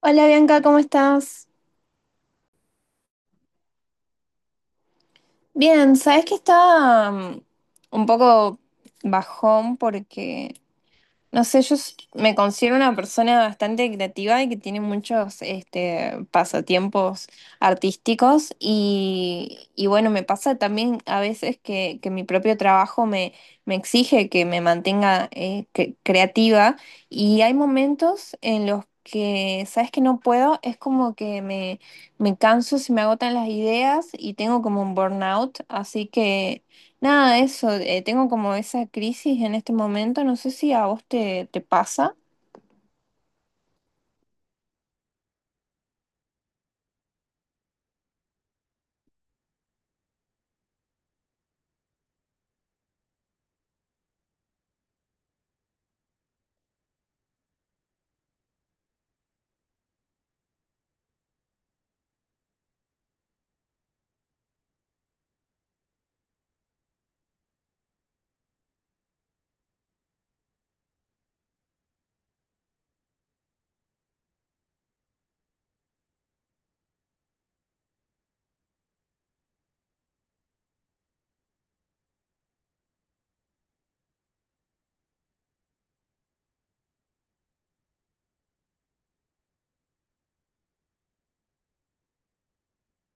Hola Bianca, ¿cómo estás? Bien, sabes que estaba un poco bajón porque no sé, me considero una persona bastante creativa y que tiene muchos pasatiempos artísticos y bueno, me pasa también a veces que mi propio trabajo me exige que me mantenga creativa, y hay momentos en los que, sabes que no puedo, es como que me canso, se me agotan las ideas y tengo como un burnout, así que... Nada, eso, tengo como esa crisis en este momento, no sé si a vos te pasa.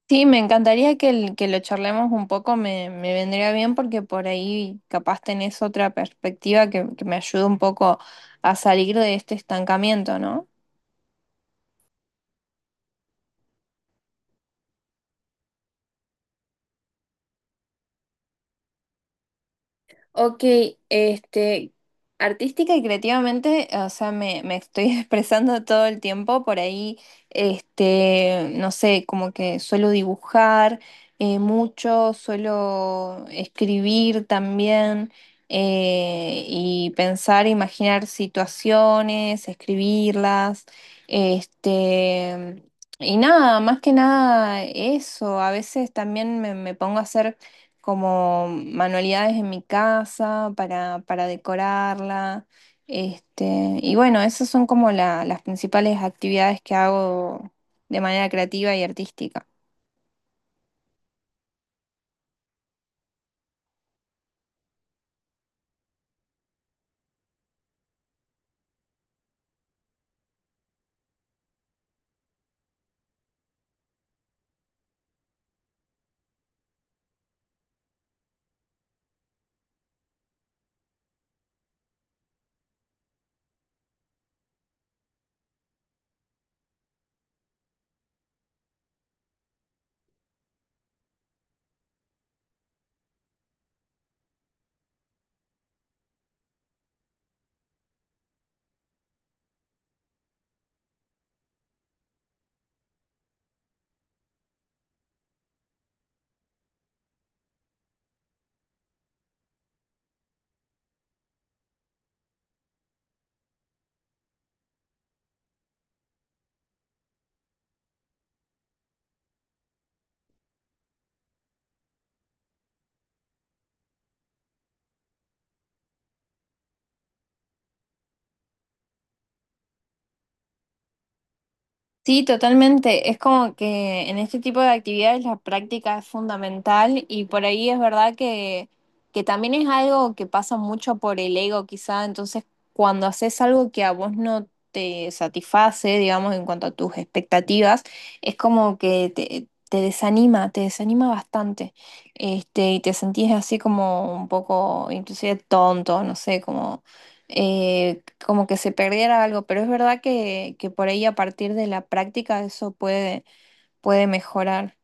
Sí, me encantaría que lo charlemos un poco, me vendría bien porque por ahí capaz tenés otra perspectiva que me ayude un poco a salir de este estancamiento, ¿no? Ok, este, artística y creativamente, o sea, me estoy expresando todo el tiempo por ahí, no sé, como que suelo dibujar mucho, suelo escribir también, y pensar, imaginar situaciones, escribirlas, este, y nada, más que nada eso. A veces también me pongo a hacer como manualidades en mi casa para decorarla. Y bueno, esas son como las principales actividades que hago de manera creativa y artística. Sí, totalmente. Es como que en este tipo de actividades la práctica es fundamental y por ahí es verdad que también es algo que pasa mucho por el ego quizá. Entonces, cuando haces algo que a vos no te satisface, digamos, en cuanto a tus expectativas, es como que te desanima bastante. Y te sentís así como un poco, inclusive tonto, no sé, como como que se perdiera algo, pero es verdad que por ahí a partir de la práctica eso puede mejorar.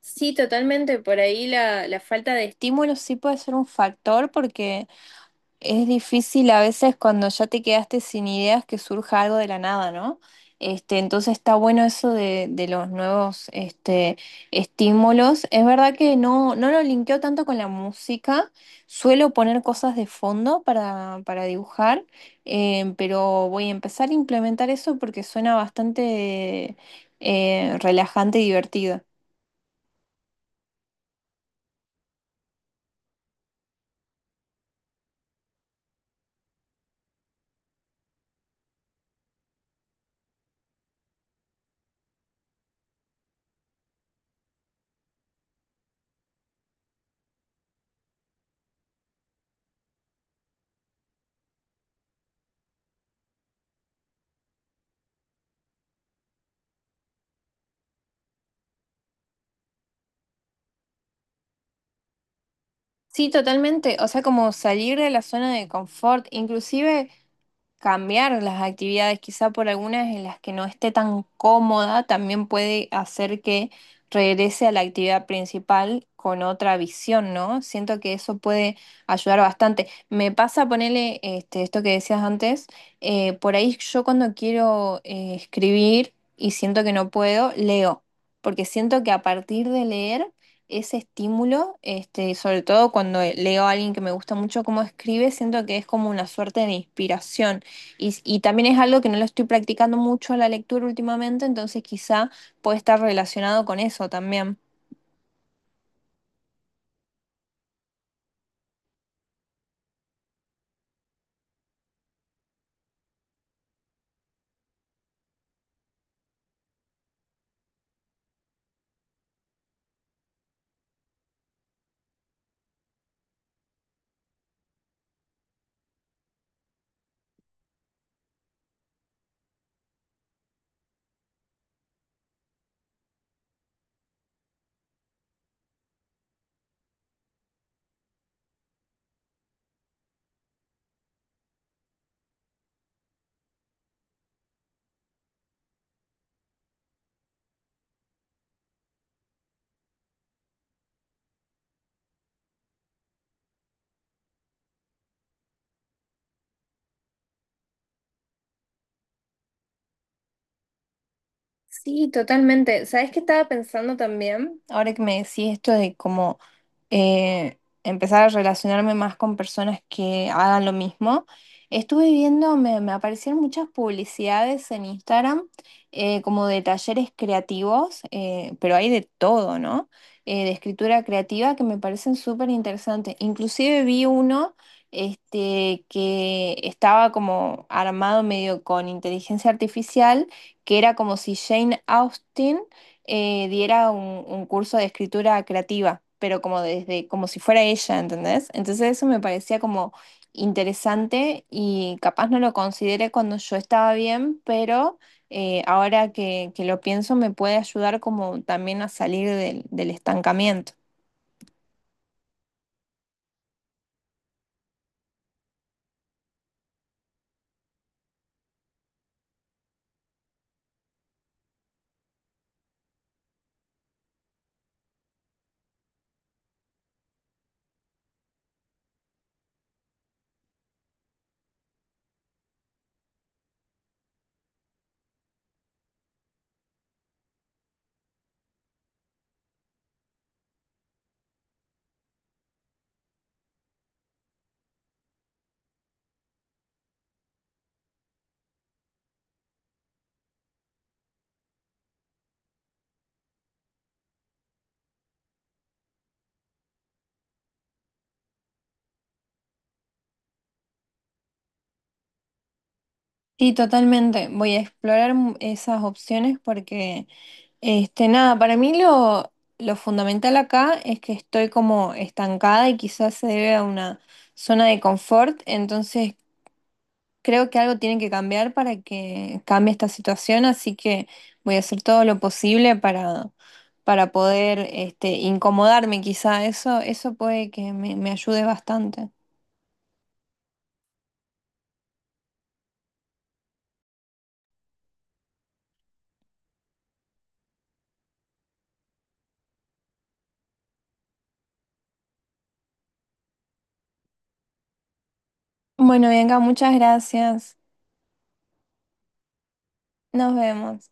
Sí, totalmente. Por ahí la falta de estímulo sí puede ser un factor porque es difícil a veces cuando ya te quedaste sin ideas que surja algo de la nada, ¿no? Entonces está bueno eso de los nuevos estímulos. Es verdad que no, no lo linkeo tanto con la música. Suelo poner cosas de fondo para dibujar, pero voy a empezar a implementar eso porque suena bastante relajante y divertido. Sí, totalmente. O sea, como salir de la zona de confort, inclusive cambiar las actividades, quizá por algunas en las que no esté tan cómoda, también puede hacer que regrese a la actividad principal con otra visión, ¿no? Siento que eso puede ayudar bastante. Me pasa ponerle esto que decías antes. Por ahí yo cuando quiero escribir y siento que no puedo, leo, porque siento que a partir de leer... ese estímulo, sobre todo cuando leo a alguien que me gusta mucho cómo escribe, siento que es como una suerte de inspiración. Y también es algo que no lo estoy practicando mucho la lectura últimamente, entonces quizá puede estar relacionado con eso también. Sí, totalmente. ¿Sabes qué estaba pensando también? Ahora que me decís esto de cómo empezar a relacionarme más con personas que hagan lo mismo, estuve viendo, me aparecieron muchas publicidades en Instagram, como de talleres creativos, pero hay de todo, ¿no? De escritura creativa que me parecen súper interesantes. Inclusive vi uno que estaba como armado medio con inteligencia artificial, que era como si Jane Austen, diera un curso de escritura creativa, pero como desde, como si fuera ella, ¿entendés? Entonces eso me parecía como interesante, y capaz no lo consideré cuando yo estaba bien, pero ahora que lo pienso me puede ayudar como también a salir del estancamiento. Sí, totalmente. Voy a explorar esas opciones porque nada, para mí lo fundamental acá es que estoy como estancada y quizás se debe a una zona de confort. Entonces creo que algo tiene que cambiar para que cambie esta situación, así que voy a hacer todo lo posible para poder incomodarme, quizá eso, eso puede que me ayude bastante. Bueno, Bianca, muchas gracias. Nos vemos.